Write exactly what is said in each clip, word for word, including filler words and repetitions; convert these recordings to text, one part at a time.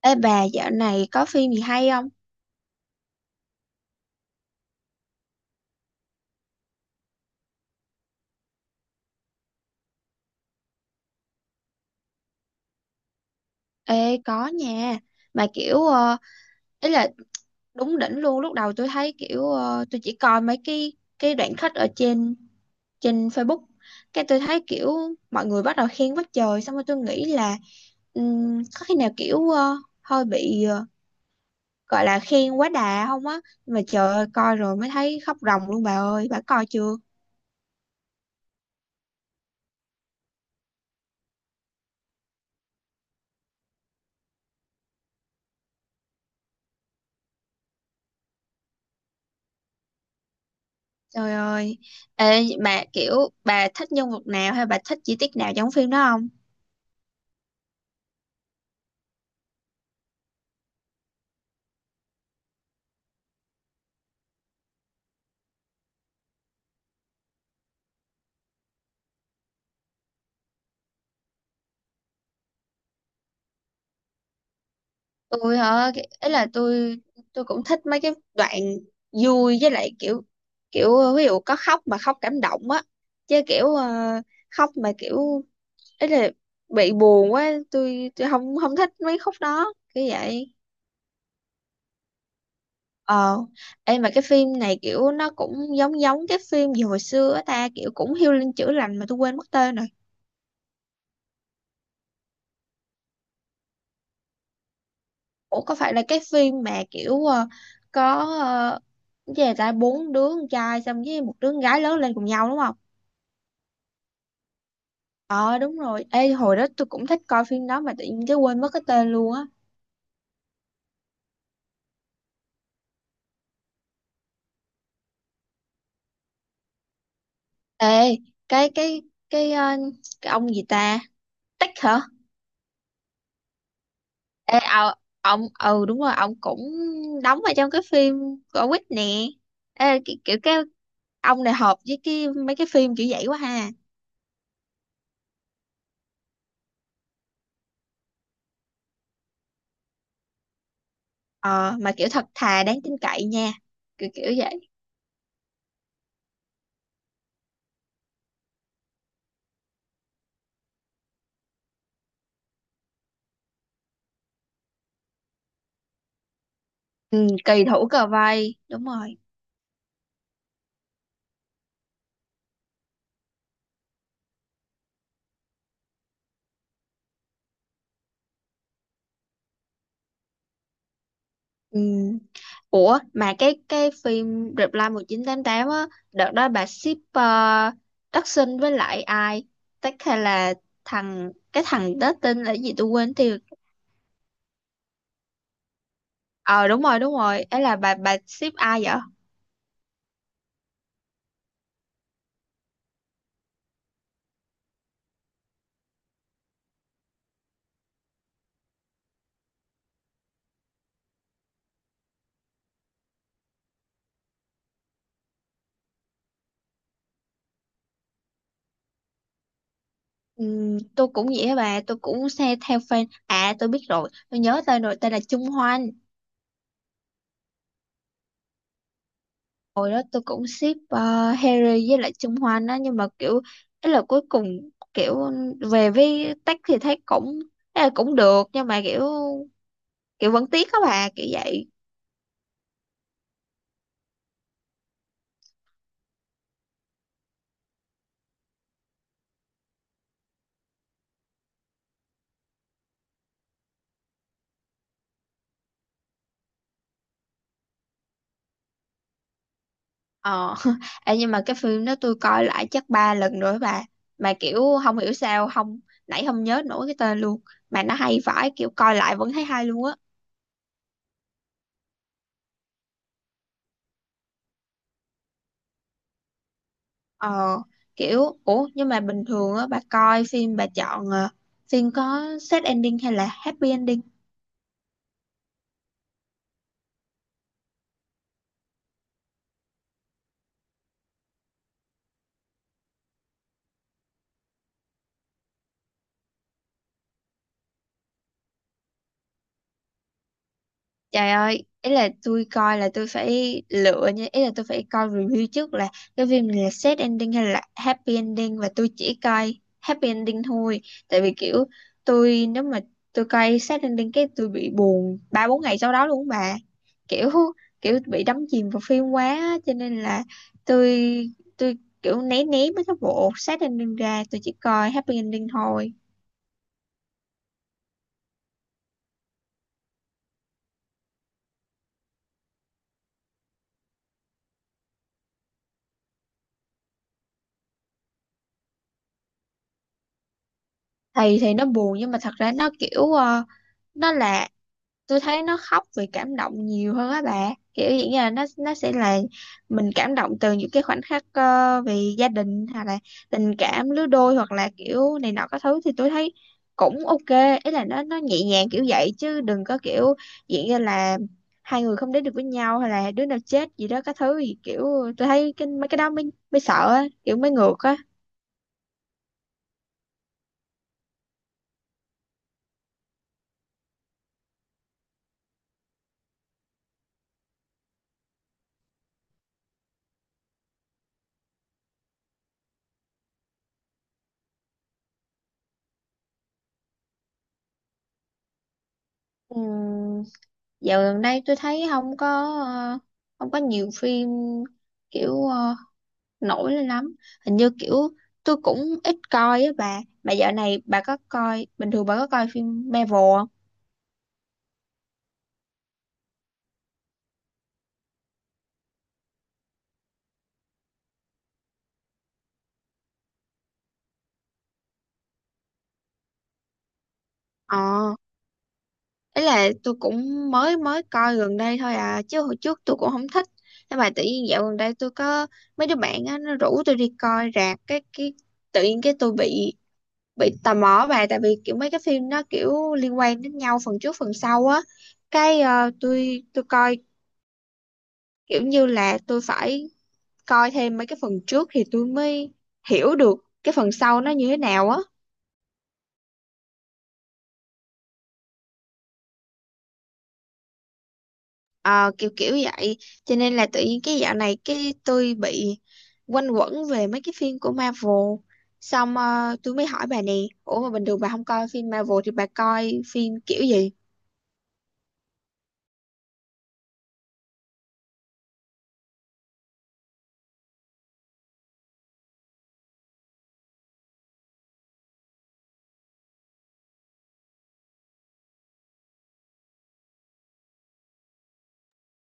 Ê bà dạo này có phim gì hay không? Ê có nha. Mà kiểu uh, ý là đúng đỉnh luôn. Lúc đầu tôi thấy kiểu ờ, tôi chỉ coi mấy cái cái đoạn khách ở trên trên Facebook. Cái tôi thấy kiểu mọi người bắt đầu khen quá trời. Xong rồi tôi nghĩ là ừm, có khi nào kiểu ờ, hơi bị ờ, gọi là khen quá đà không á. Nhưng mà trời ơi, coi rồi mới thấy khóc ròng luôn bà ơi. Bà coi chưa? Trời ơi. Ê bà kiểu bà thích nhân vật nào hay bà thích chi tiết nào trong phim đó không? Tôi hả? Cái- ấy là tôi tôi cũng thích mấy cái đoạn vui với lại kiểu, kiểu ví dụ có khóc mà khóc cảm động á, chứ kiểu ờ, khóc mà kiểu, ấy là bị buồn quá, tôi tôi không không thích mấy khúc đó kiểu vậy. Ờ, em mà cái phim này kiểu nó cũng giống giống cái phim gì hồi xưa á ta, kiểu cũng healing chữa lành mà tôi quên mất tên rồi. Ủa, có phải là cái phim mà kiểu ờ, có, ờ, cái gì ta, bốn đứa con trai xong với một đứa con gái lớn lên cùng nhau đúng không? Ờ đúng rồi. Ê hồi đó tôi cũng thích coi phim đó mà tự nhiên cái quên mất cái tên luôn á. Ê, cái cái cái ờ, cái ông gì ta? Tích hả? Ê ờ, ông, ừ đúng rồi, ông cũng đóng ở trong cái phim của Quýt nè. Ê ki- kiểu cái ông này hợp với cái mấy cái phim kiểu vậy quá ha. Ờ mà kiểu thật thà đáng tin cậy nha. Kiểu kiểu vậy. Ừ, kỳ thủ cờ vây, đúng rồi. Ừ. Ủa mà cái cái phim Reply một chín tám tám á, đợt đó bà ship uh, Đắc Sinh với lại ai, Tắc hay là thằng, cái thằng đó tên là gì tôi quên tiêu. Ờ đúng rồi, đúng rồi, ấy là bà bà ship ai vậy? Ừm, tôi cũng vậy á bà, tôi cũng xe theo fan à, tôi biết rồi, tôi nhớ tên rồi, tên là Trung Hoan. Hồi đó tôi cũng ship ờ, Harry với lại Trung Hoan á, nhưng mà kiểu, ấy là cuối cùng kiểu về với Tắc thì thấy cũng, ấy là cũng được, nhưng mà kiểu kiểu vẫn tiếc á bà, kiểu vậy. Ờ Ê, nhưng mà cái phim đó tôi coi lại chắc ba lần rồi á bà, mà kiểu không hiểu sao không, nãy không nhớ nổi cái tên luôn, mà nó hay vãi, kiểu coi lại vẫn thấy hay luôn á. Ờ, kiểu ủa, nhưng mà bình thường á bà coi phim bà chọn ờ, phim có sad ending hay là happy ending? Trời ơi, ý là tôi coi là tôi phải lựa nha, ý là tôi phải coi review trước là cái phim này là sad ending hay là happy ending, và tôi chỉ coi happy ending thôi. Tại vì kiểu tôi nếu mà tôi coi sad ending cái tôi bị buồn ba bốn ngày sau đó luôn á bà. Kiểu kiểu bị đắm chìm vào phim quá á, cho nên là tôi tôi kiểu né né mấy cái bộ sad ending ra, tôi chỉ coi happy ending thôi. Thì thì nó buồn nhưng mà thật ra nó kiểu ờ, nó là, tôi thấy nó khóc vì cảm động nhiều hơn á bà, kiểu dạng như là nó nó sẽ là mình cảm động từ những cái khoảnh khắc ờ, vì gia đình, hoặc là tình cảm lứa đôi, hoặc là kiểu này nọ các thứ, thì tôi thấy cũng ok, ý là nó nó nhẹ nhàng kiểu vậy, chứ đừng có kiểu dạng như là hai người không đến được với nhau hay là đứa nào chết gì đó các thứ gì, kiểu tôi thấy cái mấy cái đó mới mới sợ á, kiểu mới ngược á. Ừm, dạo gần đây tôi thấy không có ờ, không có nhiều phim kiểu ờ, nổi lên lắm, hình như kiểu tôi cũng ít coi á bà. Mà dạo này bà có coi, bình thường bà có coi phim Marvel không? Ờ, ấy là tôi cũng mới mới coi gần đây thôi à, chứ hồi trước tôi cũng không thích, nhưng mà tự nhiên dạo gần đây tôi có mấy đứa bạn á nó rủ tôi đi coi rạp cái, cái tự nhiên cái tôi bị bị tò mò bà, tại vì kiểu mấy cái phim nó kiểu liên quan đến nhau phần trước phần sau á, cái ờ, tôi tôi coi kiểu như là tôi phải coi thêm mấy cái phần trước thì tôi mới hiểu được cái phần sau nó như thế nào á. Ờ, kiểu kiểu vậy, cho nên là tự nhiên cái dạo này cái tôi bị quanh quẩn về mấy cái phim của Marvel. Xong ờ, tôi mới hỏi bà nè, ủa mà bình thường bà không coi phim Marvel thì bà coi phim kiểu gì?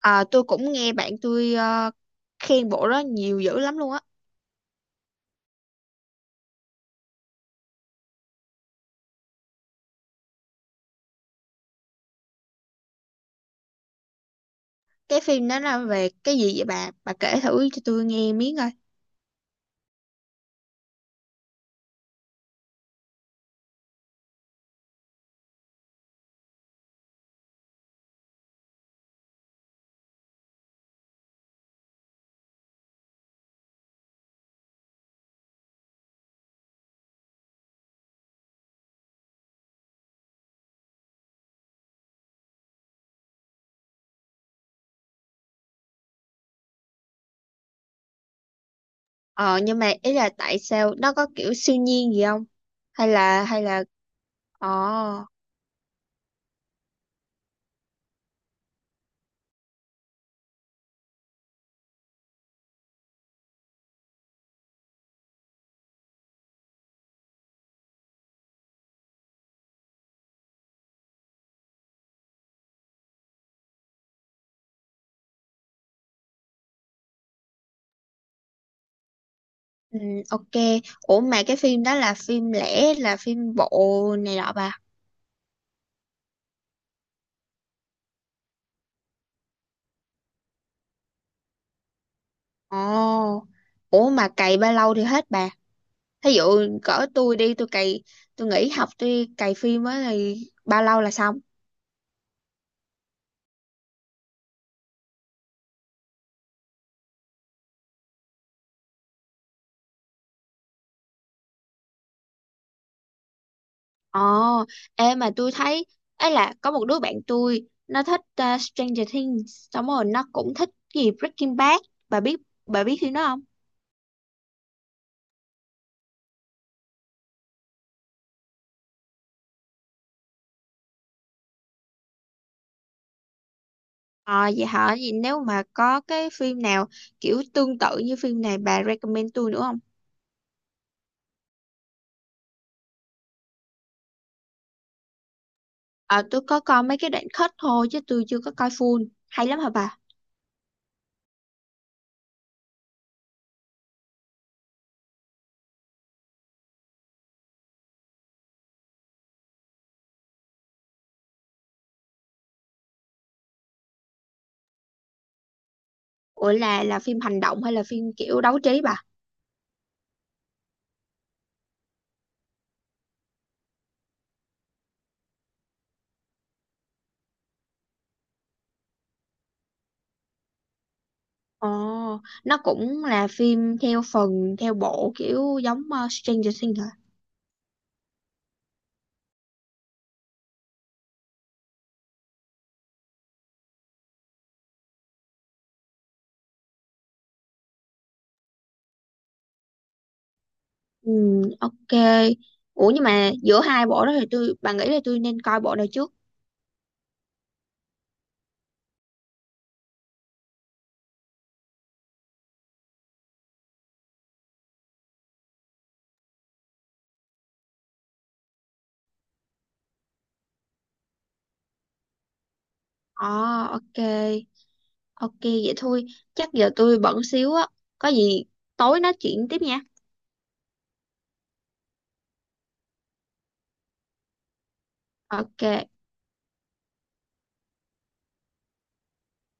Ờ, tôi cũng nghe bạn tôi ờ, khen bộ đó nhiều dữ lắm luôn á. Cái phim đó là về cái gì vậy bà bà kể thử cho tôi nghe miếng coi. Ờ nhưng mà ý là tại sao nó có kiểu siêu nhiên gì không? Hay là hay là, ờ, ừ, ok. Ủa mà cái phim đó là phim lẻ là phim bộ này nọ bà. Ồ. Ủa mà cày bao lâu thì hết bà? Thí dụ cỡ tôi đi tôi cày, tôi nghỉ học tôi cày phim á thì bao lâu là xong? Ồ, ê mà tôi thấy, ấy là có một đứa bạn tôi nó thích uh, Stranger Things, xong rồi nó cũng thích cái gì Breaking Bad. Bà biết bà biết phim đó? Ờ vậy hả? Vậy nếu mà có cái phim nào kiểu tương tự như phim này bà recommend tôi nữa không? Ờ tôi có coi mấy cái đoạn cut thôi chứ tôi chưa có coi full. Hay lắm hả bà? Ủa là là phim hành động hay là phim kiểu đấu trí bà? Ồ, nó cũng là phim theo phần, theo bộ kiểu giống ờ, Stranger Things hả? Ừ, ok. Ủa nhưng mà giữa hai bộ đó thì tôi, bà nghĩ là tôi nên coi bộ nào trước? Ờ, ok. Ok vậy thôi. Chắc giờ tôi bận xíu á. Có gì tối nói chuyện tiếp nha. Ok,